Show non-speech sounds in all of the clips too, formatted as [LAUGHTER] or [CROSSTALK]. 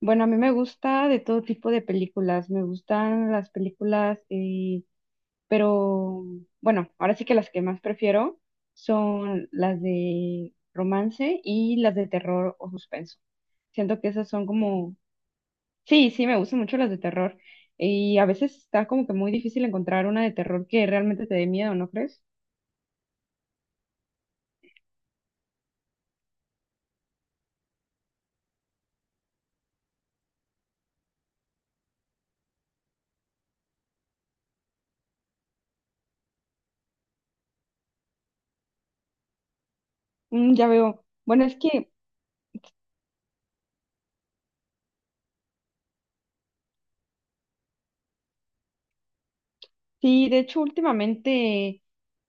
Bueno, a mí me gusta de todo tipo de películas. Me gustan las películas, pero bueno, ahora sí que las que más prefiero son las de romance y las de terror o suspenso. Siento que esas son como, sí, sí, me gustan mucho las de terror. Y a veces está como que muy difícil encontrar una de terror que realmente te dé miedo, ¿no crees? Mm, ya veo. Bueno, es que sí, de hecho, últimamente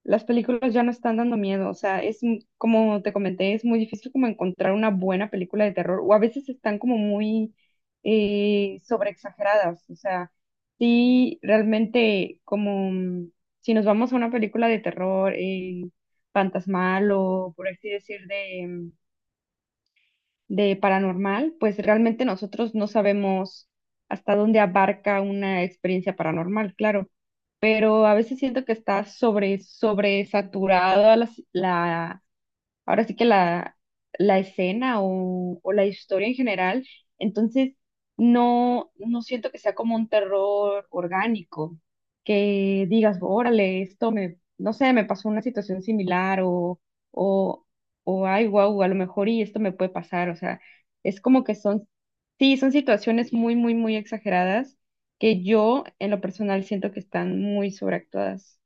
las películas ya no están dando miedo. O sea, es como te comenté, es muy difícil como encontrar una buena película de terror. O a veces están como muy sobreexageradas. O sea, sí, realmente como si nos vamos a una película de terror fantasmal o, por así decir, de paranormal, pues realmente nosotros no sabemos hasta dónde abarca una experiencia paranormal, claro, pero a veces siento que está sobre, sobre sobresaturada la, ahora sí que la escena o la historia en general. Entonces, no, no siento que sea como un terror orgánico, que digas, órale, esto me, no sé, me pasó una situación similar o, o ay, wow, a lo mejor y esto me puede pasar. O sea, es como que son, sí, son situaciones muy, muy, muy exageradas que yo en lo personal siento que están muy sobreactuadas.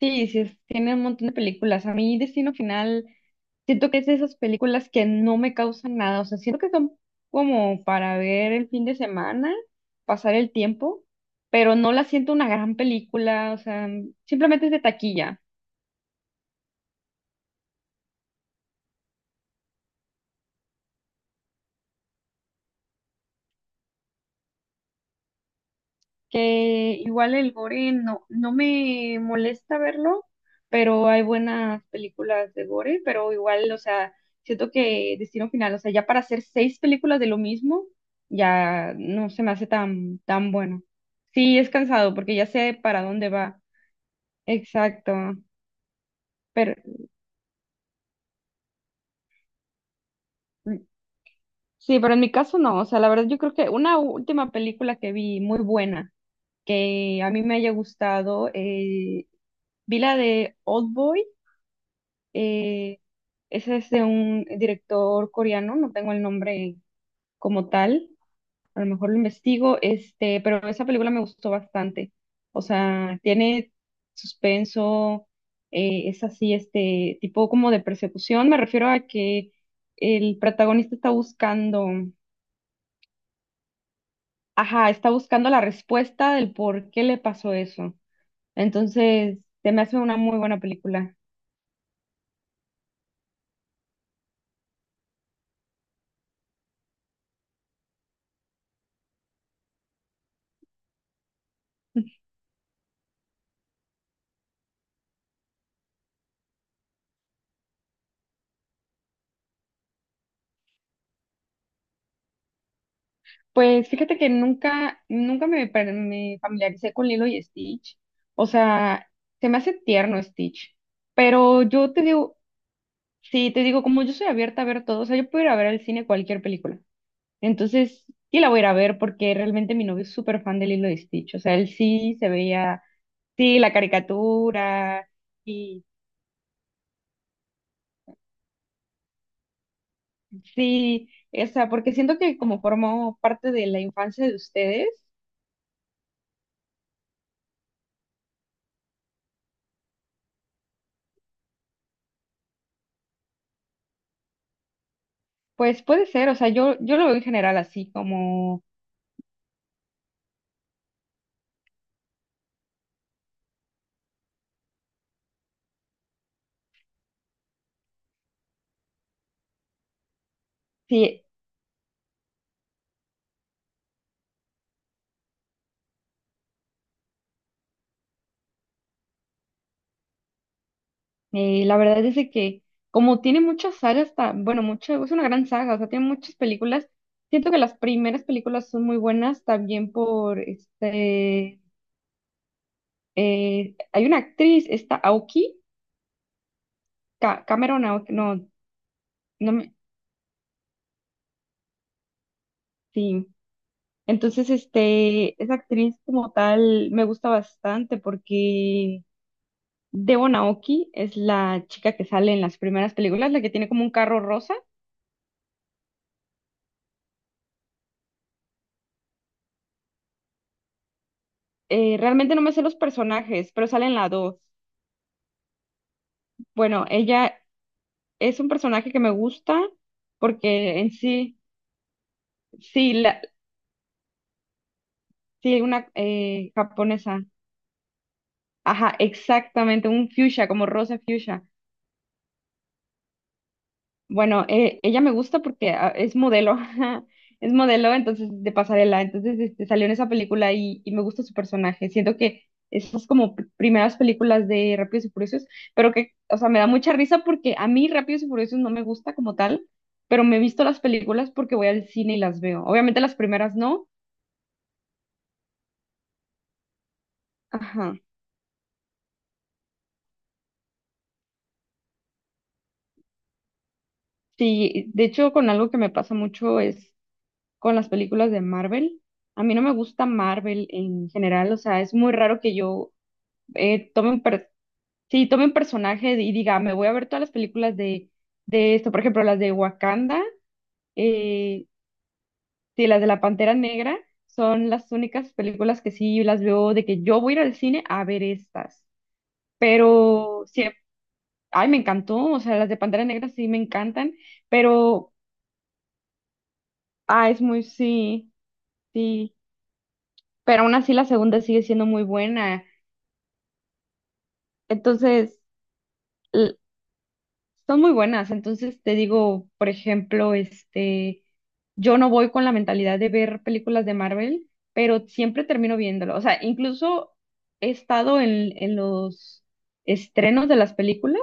Sí, sí, tiene un montón de películas. A mí Destino Final, siento que es de esas películas que no me causan nada. O sea, siento que son como para ver el fin de semana, pasar el tiempo, pero no la siento una gran película. O sea, simplemente es de taquilla. Que igual el gore no, no me molesta verlo, pero hay buenas películas de gore, pero igual, o sea, siento que Destino Final, o sea, ya para hacer 6 películas de lo mismo, ya no se me hace tan, tan bueno. Sí, es cansado porque ya sé para dónde va. Exacto. Pero sí, pero en mi caso no, o sea, la verdad yo creo que una última película que vi muy buena, que a mí me haya gustado, vi la de Old Boy. Eh, Ese es de un director coreano, no tengo el nombre como tal, a lo mejor lo investigo, este, pero esa película me gustó bastante. O sea, tiene suspenso, es así, este, tipo como de persecución. Me refiero a que el protagonista está buscando, ajá, está buscando la respuesta del por qué le pasó eso. Entonces, se me hace una muy buena película. Pues fíjate que nunca, nunca me familiaricé con Lilo y Stitch. O sea, se me hace tierno Stitch. Pero yo te digo, sí, te digo, como yo soy abierta a ver todo, o sea, yo puedo ir a ver al cine cualquier película. Entonces, sí la voy a ir a ver porque realmente mi novio es súper fan de Lilo y Stitch. O sea, él sí se veía, sí, la caricatura, y sí, o sea, porque siento que como formó parte de la infancia de ustedes, pues puede ser, o sea, yo lo veo en general así, como... Sí. La verdad es de que como tiene muchas sagas, bueno, mucho, es una gran saga, o sea, tiene muchas películas. Siento que las primeras películas son muy buenas también por este, hay una actriz, esta Aoki, Cameron Aoki, no, no me, sí. Entonces, este, esa actriz como tal me gusta bastante porque Devon Aoki es la chica que sale en las primeras películas, la que tiene como un carro rosa. Realmente no me sé los personajes, pero salen las dos. Bueno, ella es un personaje que me gusta porque en sí, sí, la, sí, una japonesa. Ajá, exactamente, un fuchsia, como rosa fuchsia. Bueno, ella me gusta porque ah, es modelo, [LAUGHS] es modelo, entonces de pasarela, entonces este, salió en esa película y me gusta su personaje. Siento que esas como primeras películas de Rápidos y Furiosos, pero que, o sea, me da mucha risa porque a mí Rápidos y Furiosos no me gusta como tal, pero me he visto las películas porque voy al cine y las veo. Obviamente las primeras no, ajá. Sí, de hecho con algo que me pasa mucho es con las películas de Marvel. A mí no me gusta Marvel en general, o sea, es muy raro que yo eh, tome un per- sí, tome un personaje y diga, me voy a ver todas las películas de esto, por ejemplo, las de Wakanda, eh, sí, las de la Pantera Negra, son las únicas películas que sí las veo de que yo voy a ir al cine a ver estas, pero sí, ay, me encantó, o sea, las de Pantera Negra sí me encantan, pero, ah, es muy, sí, sí, pero aún así la segunda sigue siendo muy buena, entonces... Son muy buenas, entonces te digo, por ejemplo, este, yo no voy con la mentalidad de ver películas de Marvel, pero siempre termino viéndolo. O sea, incluso he estado en los estrenos de las películas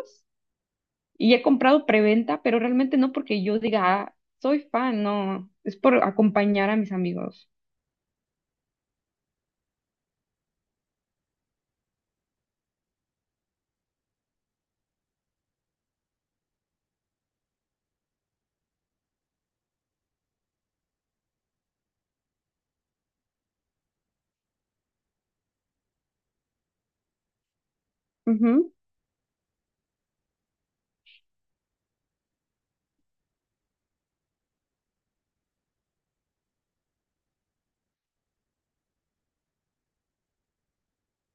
y he comprado preventa, pero realmente no porque yo diga, "Ah, soy fan", no, es por acompañar a mis amigos.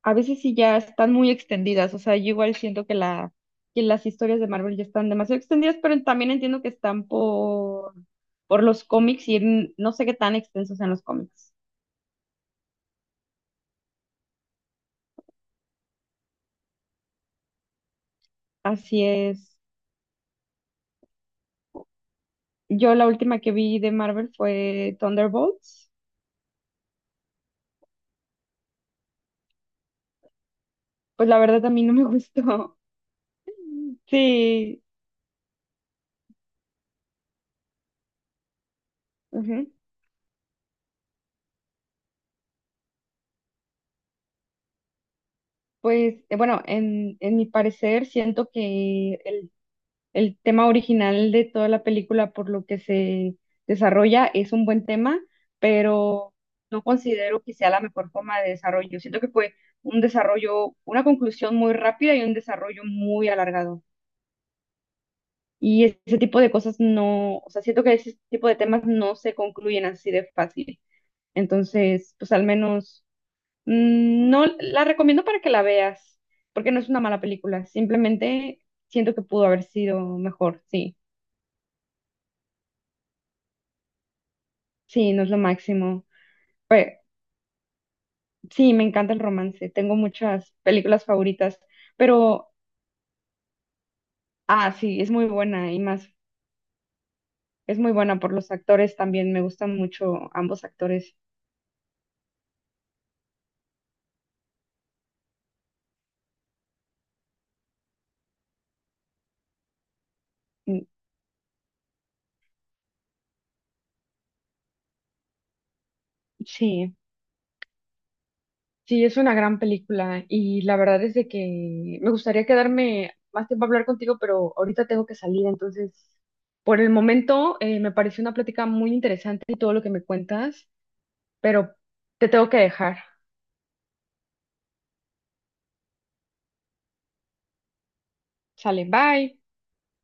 A veces sí ya están muy extendidas, o sea, yo igual siento que la, que las historias de Marvel ya están demasiado extendidas, pero también entiendo que están por los cómics y no sé qué tan extensos sean los cómics. Así es. Yo la última que vi de Marvel fue Thunderbolts, pues la verdad a mí no me gustó. [LAUGHS] Sí, ujú. Pues bueno, en mi parecer siento que el tema original de toda la película por lo que se desarrolla es un buen tema, pero no considero que sea la mejor forma de desarrollo. Siento que fue un desarrollo, una conclusión muy rápida y un desarrollo muy alargado. Y ese tipo de cosas no, o sea, siento que ese tipo de temas no se concluyen así de fácil. Entonces, pues al menos mm, no la recomiendo para que la veas, porque no es una mala película, simplemente siento que pudo haber sido mejor, sí. Sí, no es lo máximo. Pe- sí, me encanta el romance. Tengo muchas películas favoritas, pero, ah, sí, es muy buena y más, es muy buena por los actores también. Me gustan mucho ambos actores. Mm, sí. Sí, es una gran película y la verdad es de que me gustaría quedarme más tiempo a hablar contigo, pero ahorita tengo que salir, entonces por el momento me pareció una plática muy interesante y todo lo que me cuentas, pero te tengo que dejar. Sale, bye.